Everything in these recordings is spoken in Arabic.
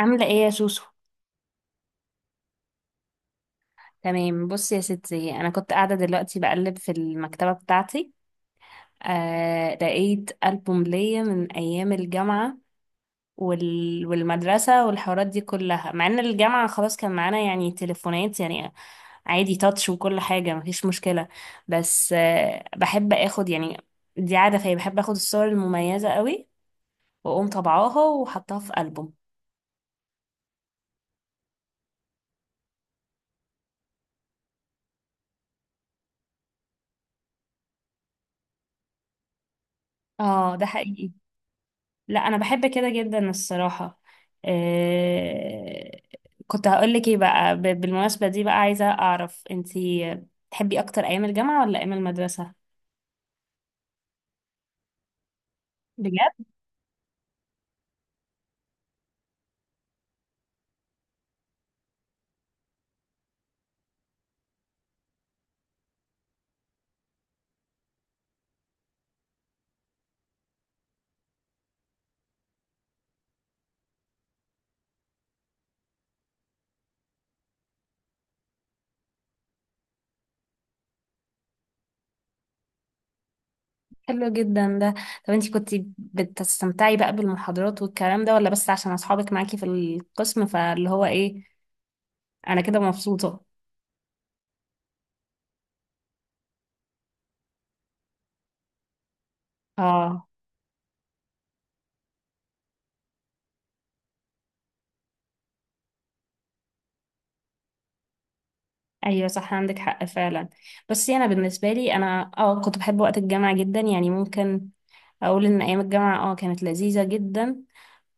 عاملة ايه يا سوسو؟ تمام. بصي يا ستي، انا كنت قاعدة دلوقتي بقلب في المكتبة بتاعتي. لقيت ألبوم ليا من ايام الجامعة والمدرسة والحوارات دي كلها، مع ان الجامعة خلاص كان معانا يعني تليفونات يعني، عادي، تاتش وكل حاجة، مفيش مشكلة. بس بحب اخد يعني، دي عادة فيا، بحب اخد الصور المميزة قوي واقوم طبعاها وحطها في ألبوم. اه ده حقيقي. لا انا بحب كده جدا الصراحه. آه... كنت هقول لك ايه بقى، بالمناسبه دي بقى عايزه اعرف انتي تحبي اكتر ايام الجامعه ولا ايام المدرسه؟ بجد؟ حلو جدا ده. طب انتي كنتي بتستمتعي بقى بالمحاضرات والكلام ده ولا بس عشان اصحابك معاكي في القسم؟ فاللي هو ايه، انا كده مبسوطه. اه. ايوه صح، عندك حق فعلا. بس انا بالنسبه لي انا كنت بحب وقت الجامعه جدا، يعني ممكن اقول ان ايام الجامعه كانت لذيذه جدا،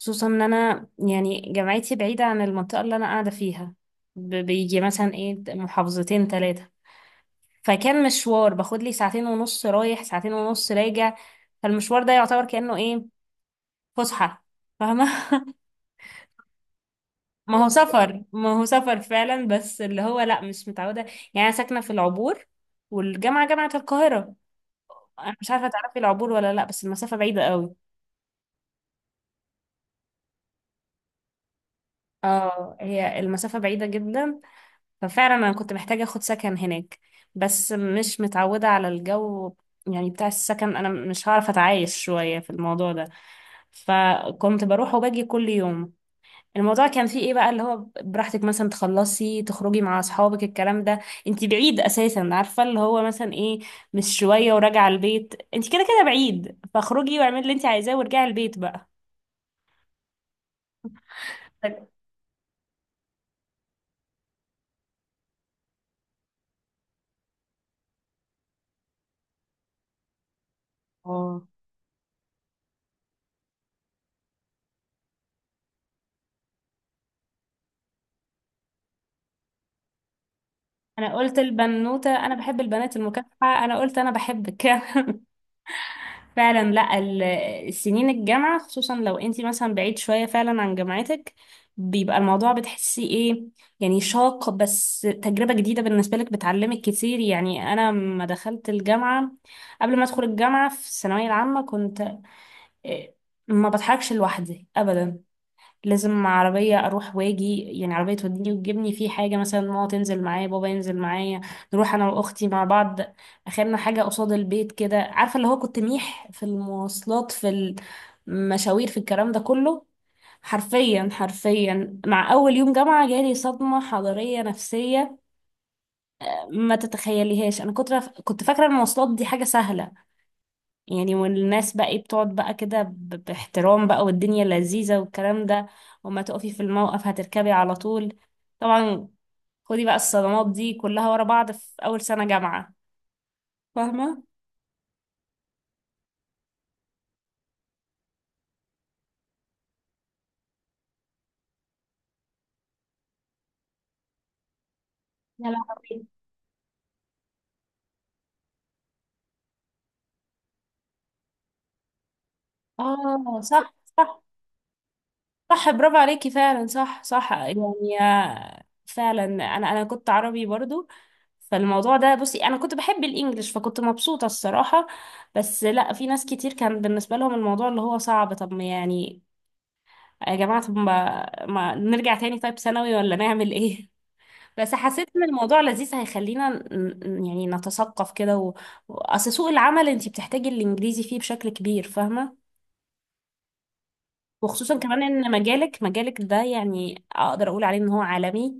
خصوصا ان انا يعني جامعتي بعيده عن المنطقه اللي انا قاعده فيها. بيجي مثلا ايه، محافظتين ثلاثه. فكان مشوار، باخد لي ساعتين ونص رايح ساعتين ونص راجع. فالمشوار ده يعتبر كانه ايه، فسحه، فاهمه. ما هو سفر، ما هو سفر فعلا، بس اللي هو لا مش متعودة. يعني أنا ساكنة في العبور والجامعة جامعة القاهرة. أنا مش عارفة تعرفي العبور ولا لا، بس المسافة بعيدة قوي. اه هي المسافة بعيدة جدا. ففعلا أنا كنت محتاجة أخد سكن هناك، بس مش متعودة على الجو يعني بتاع السكن، أنا مش هعرف أتعايش شوية في الموضوع ده. فكنت بروح وباجي كل يوم. الموضوع كان فيه ايه بقى، اللي هو براحتك، مثلا تخلصي تخرجي مع اصحابك الكلام ده. انتي بعيد اساسا، عارفه اللي هو مثلا ايه، مش شويه وراجعه البيت، انتي كده كده بعيد فاخرجي واعملي اللي انتي عايزاه وارجعي البيت بقى. اه. انا قلت البنوته انا بحب البنات المكافحه، انا قلت انا بحبك. فعلا. لا السنين الجامعة، خصوصا لو انتي مثلا بعيد شوية فعلا عن جامعتك، بيبقى الموضوع بتحسي ايه يعني، شاق بس تجربة جديدة بالنسبة لك، بتعلمك كتير. يعني انا لما دخلت الجامعة، قبل ما ادخل الجامعة في الثانوية العامة كنت إيه، ما بتحركش لوحدي ابدا، لازم عربية أروح واجي، يعني عربية توديني وتجيبني في حاجة، مثلا ماما تنزل معايا بابا ينزل معايا، نروح أنا وأختي مع بعض. أخرنا حاجة قصاد البيت كده، عارفة اللي هو كنت ميح في المواصلات، في المشاوير، في الكلام ده كله. حرفيا حرفيا مع أول يوم جامعة جالي صدمة حضارية نفسية ما تتخيليهاش. أنا كنت فاكرة المواصلات دي حاجة سهلة يعني، والناس بقى ايه بتقعد بقى كده باحترام بقى والدنيا لذيذة والكلام ده، وما تقفي في الموقف هتركبي على طول طبعا. خدي بقى الصدمات دي كلها ورا بعض في أول سنة جامعة. فاهمة؟ يا لهوي. اه صح صح. صح برافو عليكي فعلا، صح صح. يعني فعلا انا كنت عربي برضو، فالموضوع ده بصي انا كنت بحب الانجليش فكنت مبسوطة الصراحة. بس لا، في ناس كتير كان بالنسبة لهم الموضوع اللي هو صعب. طب ما يعني يا جماعة، طب ما نرجع تاني طيب ثانوي، ولا نعمل ايه؟ بس حسيت ان الموضوع لذيذ هيخلينا ن- يعني نتثقف كده اصل سوق العمل انت بتحتاجي الانجليزي فيه بشكل كبير، فاهمة. وخصوصا كمان ان مجالك، مجالك ده يعني اقدر اقول عليه ان هو عالمي.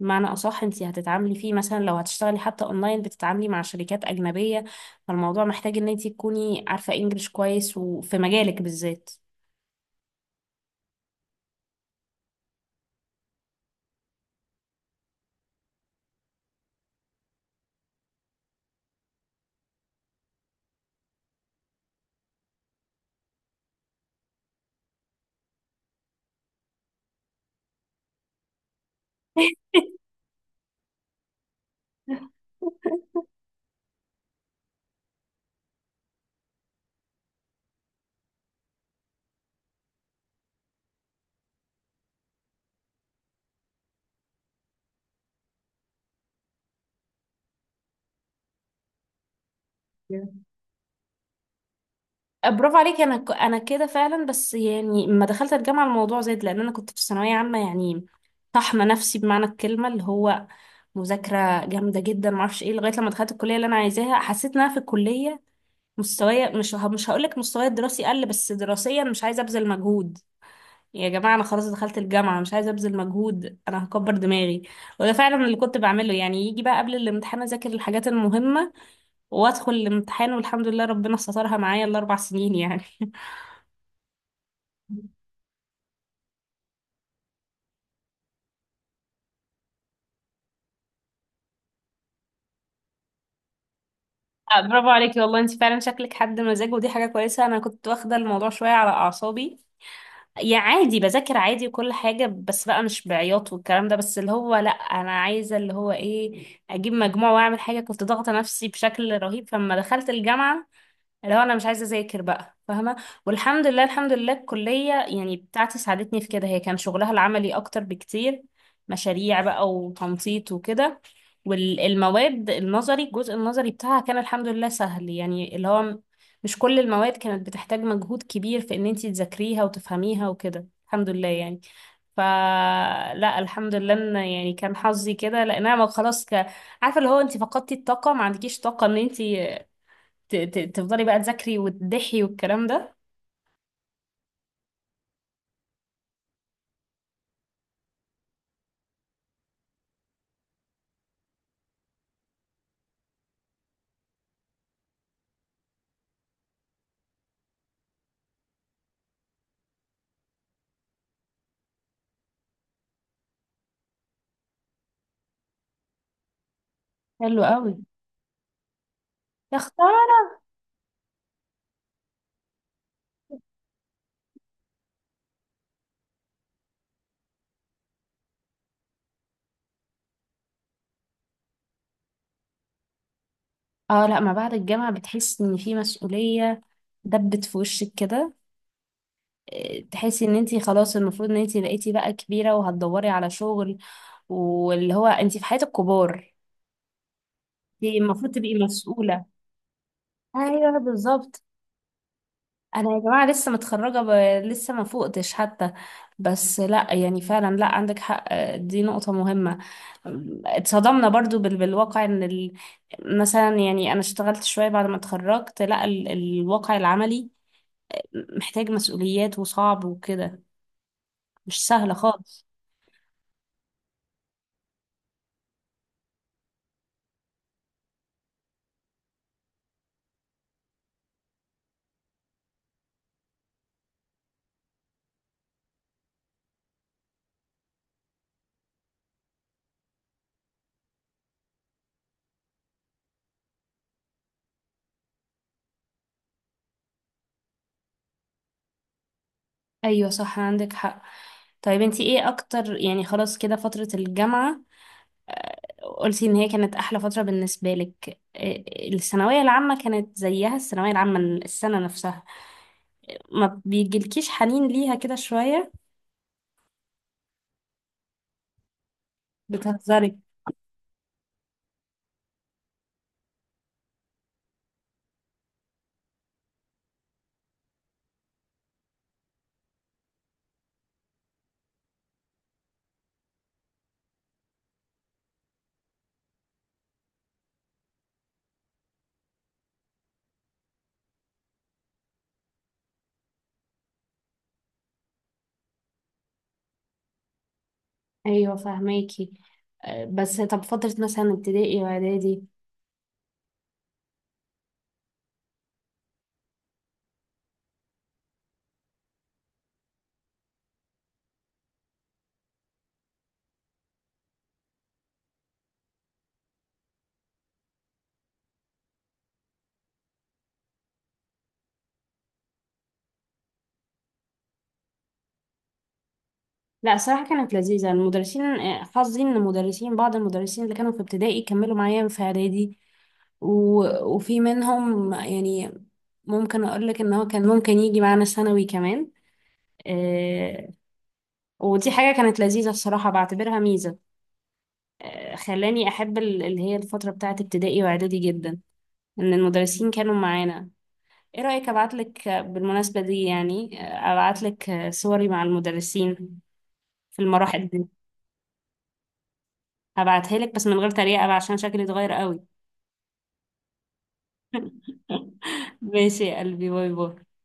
بمعنى اصح انت هتتعاملي فيه مثلا لو هتشتغلي حتى اونلاين، بتتعاملي مع شركات اجنبية، فالموضوع محتاج ان انت تكوني عارفة انجليش كويس، وفي مجالك بالذات. برافو عليكي. انا انا كده فعلا، بس يعني لما دخلت الجامعه الموضوع زاد، لان انا كنت في ثانويه عامه يعني طحنه نفسي بمعنى الكلمه، اللي هو مذاكره جامده جدا ما اعرفش ايه، لغايه لما دخلت الكليه اللي انا عايزاها حسيت ان انا في الكليه مستوايا مش هقول لك مستواي الدراسي قل، بس دراسيا مش عايزه ابذل مجهود. يا جماعه انا خلاص دخلت الجامعه مش عايزه ابذل مجهود، انا هكبر دماغي. وده فعلا اللي كنت بعمله، يعني يجي بقى قبل الامتحان اذاكر الحاجات المهمه وادخل الامتحان، والحمد لله ربنا سترها معايا الاربع سنين يعني. برافو عليكي والله، انت فعلا شكلك حد مزاج، ودي حاجة كويسة. انا كنت واخدة الموضوع شوية على اعصابي، يا عادي بذاكر عادي وكل حاجة، بس بقى مش بعياط والكلام ده، بس اللي هو لا انا عايزة اللي هو ايه، اجيب مجموع واعمل حاجة، كنت ضاغطة نفسي بشكل رهيب. فلما دخلت الجامعة اللي هو انا مش عايزه اذاكر بقى، فاهمه. والحمد لله، الحمد لله الكليه يعني بتاعتي ساعدتني في كده، هي كان شغلها العملي اكتر بكتير، مشاريع بقى وتنطيط وكده. والمواد النظري، الجزء النظري بتاعها كان الحمد لله سهل يعني، اللي هو مش كل المواد كانت بتحتاج مجهود كبير في ان انتي تذاكريها وتفهميها وكده، الحمد لله يعني. فلا الحمد لله ان يعني كان حظي كده، لان انا عارفه اللي هو انت فقدتي الطاقه، ما عندكيش طاقه ان انت تفضلي بقى تذاكري وتضحي والكلام ده. حلو قوي. يا اختار. اه لا، ما بعد الجامعة بتحسي ان في مسؤولية دبت في وشك كده. تحسي ان انتي خلاص المفروض ان انتي بقيتي بقى كبيرة وهتدوري على شغل، واللي هو انتي في حياة الكبار. انتي المفروض تبقي مسؤولة. ايوه بالظبط. انا يا جماعه لسه ما فوقتش حتى. بس لا يعني فعلا، لا عندك حق، دي نقطه مهمه. اتصدمنا برضو بالواقع، ان مثلا يعني انا اشتغلت شويه بعد ما اتخرجت لا، الواقع العملي محتاج مسؤوليات وصعب وكده، مش سهله خالص. ايوه صح عندك حق. طيب انتي ايه اكتر يعني، خلاص كده فتره الجامعه قلتي ان هي كانت احلى فتره بالنسبه لك، الثانويه العامه كانت زيها، الثانويه العامه السنه نفسها ما بيجيلكيش حنين ليها كده شويه؟ بتهزري. ايوه فهماكي. بس طب فتره مثلا ابتدائي واعدادي؟ لا صراحه كانت لذيذه المدرسين. حظي ان المدرسين، بعض المدرسين اللي كانوا في ابتدائي كملوا معايا في اعدادي وفي منهم يعني ممكن اقول لك ان هو كان ممكن يجي معانا ثانوي كمان. آه، ودي حاجة كانت لذيذة الصراحة، بعتبرها ميزة. خلاني أحب اللي هي الفترة بتاعة ابتدائي وإعدادي جدا، إن المدرسين كانوا معانا. إيه رأيك أبعتلك، بالمناسبة دي يعني، أبعتلك صوري مع المدرسين في المراحل دي؟ هبعتها لك بس من غير تريقة بقى عشان شكلي اتغير قوي. ماشي يا قلبي، باي باي.